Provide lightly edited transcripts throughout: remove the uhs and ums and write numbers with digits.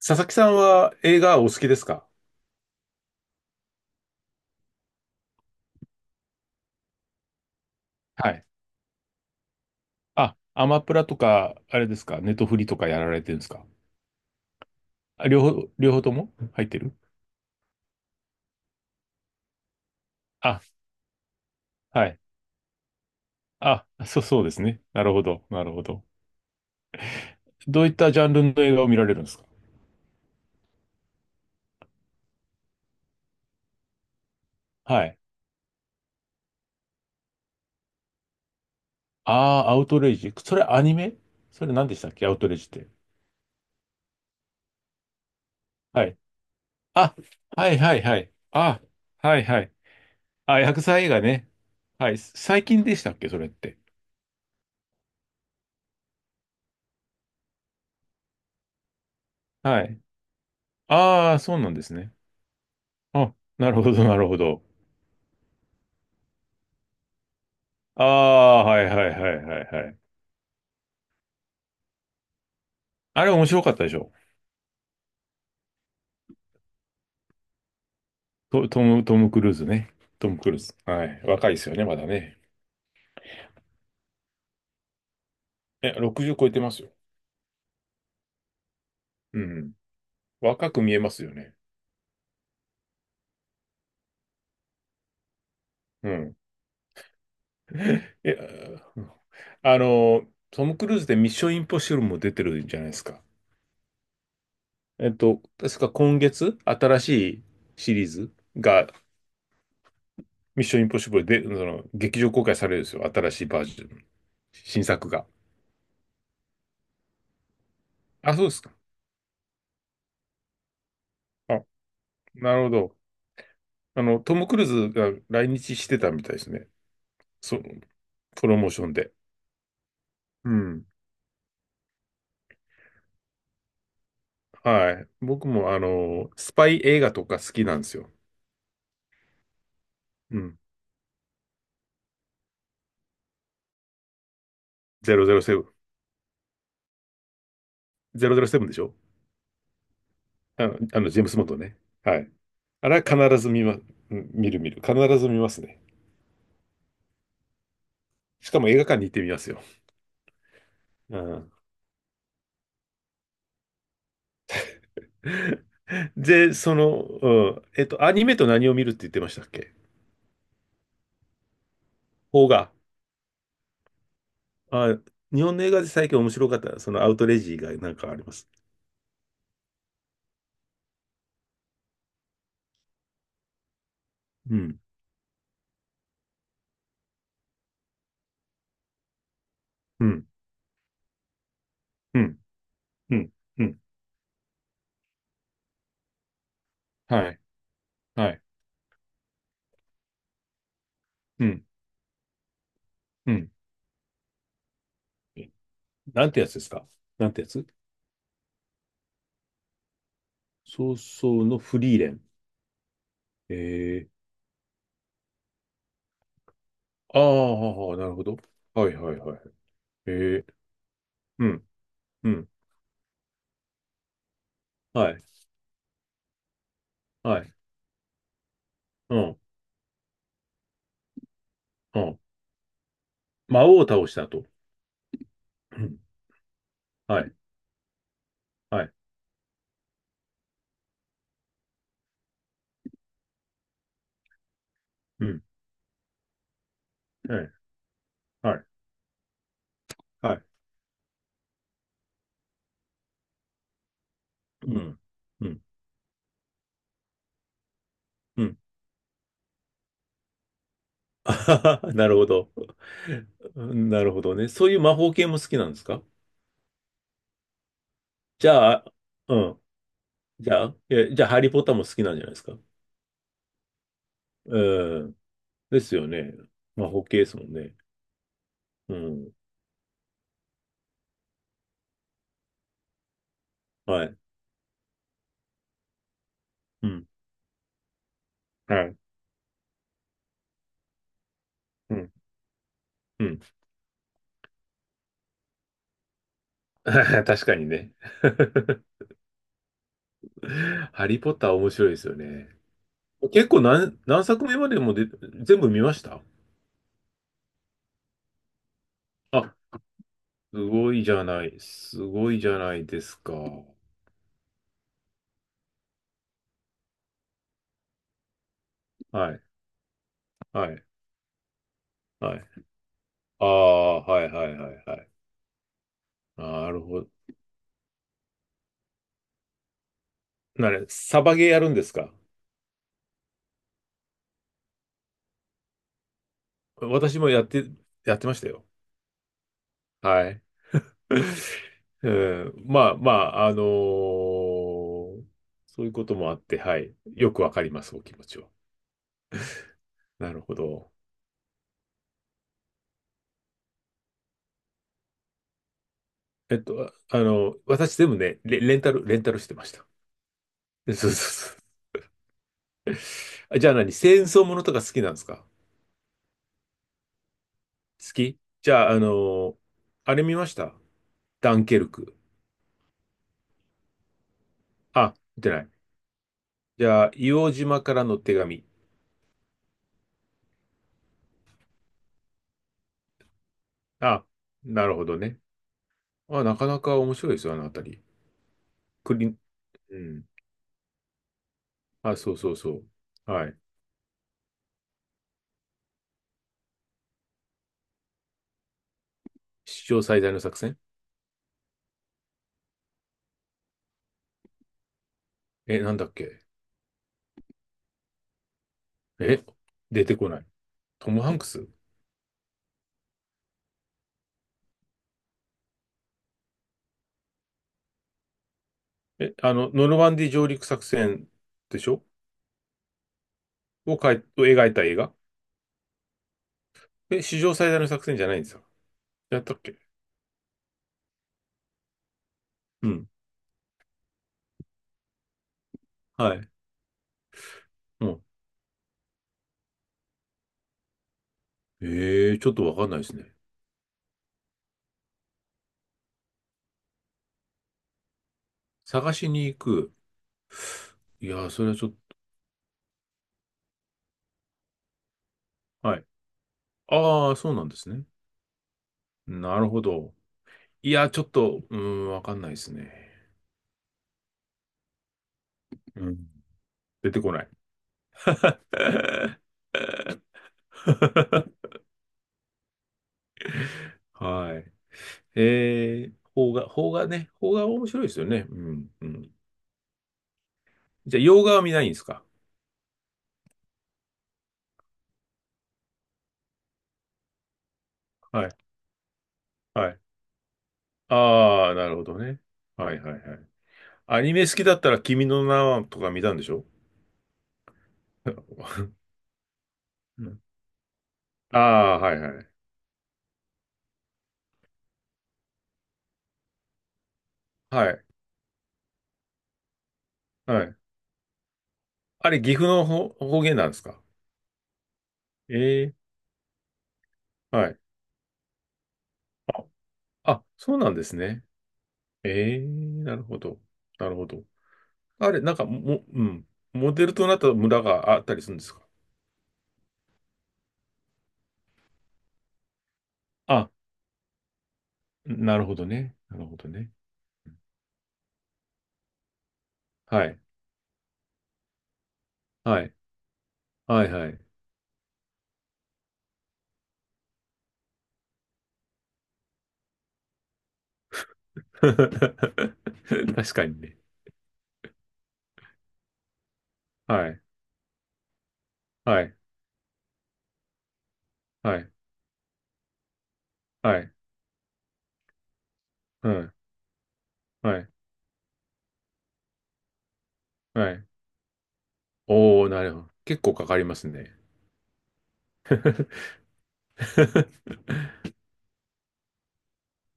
佐々木さんは映画お好きですか？はい。あ、アマプラとか、あれですか、ネトフリとかやられてるんですか？あ、両方とも入ってる。あ、はい。あ、そうですね。なるほど、なるほど。どういったジャンルの映画を見られるんですか？はい。ああ、アウトレイジ。それアニメ？それ何でしたっけアウトレイジって。はい。あ、はいはいはい。あ、はいはい。あ、薬剤映画ね。はい。最近でしたっけそれって。はい。ああ、そうなんですね。あ、なるほど、なるほど。ああ、はいはいはいはいはい。あれ面白かったでしょ？トム・クルーズね。トム・クルーズ。はい。若いですよね、まだね。え、60超えてますよ。うん。若く見えますよね。うん。え、うん、あの、トム・クルーズでミッション・インポッシブルも出てるじゃないですか。えっと、確か今月、新しいシリーズが、ミッション・インポッシブルで、その、劇場公開されるんですよ。新しいバージョン。新作が。あ、そうですか。あ、なるほど。あの、トム・クルーズが来日してたみたいですね。そう、プロモーションで。うん。はい。僕も、あの、スパイ映画とか好きなんですよ。うん。007。ゼロゼロセブンでしょ？あの、あのジェームス・ボンドね。はい。あれは必ず見ま、うん、見る見る。必ず見ますね。しかも映画館に行ってみますよ。うん。で、その、うん、えっと、アニメと何を見るって言ってましたっけ？邦画。あ、日本の映画で最近面白かった、そのアウトレイジがなんかあります。うん、うん、うん、うん、うん。はい、はい、うん、うん。なんてやつですか？なんてやつ？そうそうのフリーレン。ええ、ああ、なるほど。はい、はい、はい。ええ、うん、うん、はい、はい、うん、うん。魔王を倒した後。うん、はい、はい、うん、はい、はい、はい、うん、うん、うん。あー、 なるほど。なるほどね。そういう魔法系も好きなんですか？じゃあ、うん。じゃあ、え、じゃあ、ハリー・ポッターも好きなんじゃないですか？うん。ですよね。魔法系ですもんね。うん。はい。うん。はい。うん。うん。確かにね。ハリー・ポッター面白いですよね。結構何作目までもで全部見ました？あ、すごいじゃない。すごいじゃないですか。はい。はい。はい。ああ、はいはいはいはい。なるほど。なれ、サバゲーやるんですか？私もやって、やってましたよ。はい。うん、まあまあ、あのー、そういうこともあって、はい。よくわかります、お気持ちは。なるほど。えっと、ああの、私全部ね、レンタルしてました。そうそうそう。あ、じゃあ何、戦争ものとか好きなんですか？好き？じゃあ、あのー、あれ見ました？ダンケルク。あ、見てない。じゃあ、硫黄島からの手紙。あ、なるほどね。あ、なかなか面白いですよ、あのあたり。クリン、うん。あ、そうそうそう。はい。史上最大の作戦？え、なんだっけ？え、出てこない。トム・ハンクス？え、あの、ノルマンディ上陸作戦でしょ？を描いた映画？え、史上最大の作戦じゃないんですか？やったっけ？うん。はい。うん。ええ、ちょっとわかんないですね。探しに行く。いやー、それはちょっと、はい。ああ、そうなんですね。なるほど。いや、ちょっと、うーん、わかんないですね。うん。出てこない。はい。えー、邦画、邦画ね。邦画面白いですよね。うん、うん。じゃあ、洋画は見ないんですか？はい、はい。ああ、なるほどね。はい、はい、はい。アニメ好きだったら、君の名はとか見たんでしょ？ うん、ああ、はい、はい。はい、はい。あれ、岐阜の方方言なんですか？ええ、はい。あそうなんですね。ええ、なるほど。なるほど。あれ、なんかも、うん。モデルとなった村があったりするんですか？あ、なるほどね。なるほどね。はい。はい。はい、はい。確かにね。はい。はい。はい。はい。うん。はい。はい。おー、なるほど。結構かかりますね。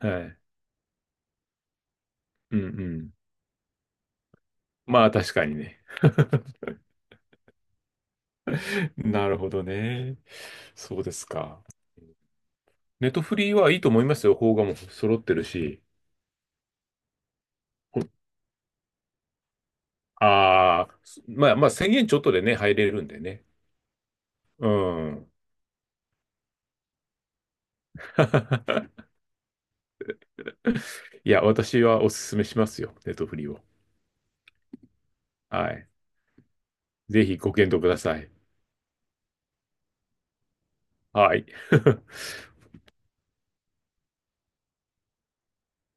はい。うんうん。まあ、確かにね。なるほどね。そうですか。ネトフリはいいと思いますよ。邦画も揃ってるし。ああ、まあまあ、1000円ちょっとでね、入れるんでね。うん。いや、私はお勧めしますよ。ネットフリーを。はい。ぜひご検討ください。はい。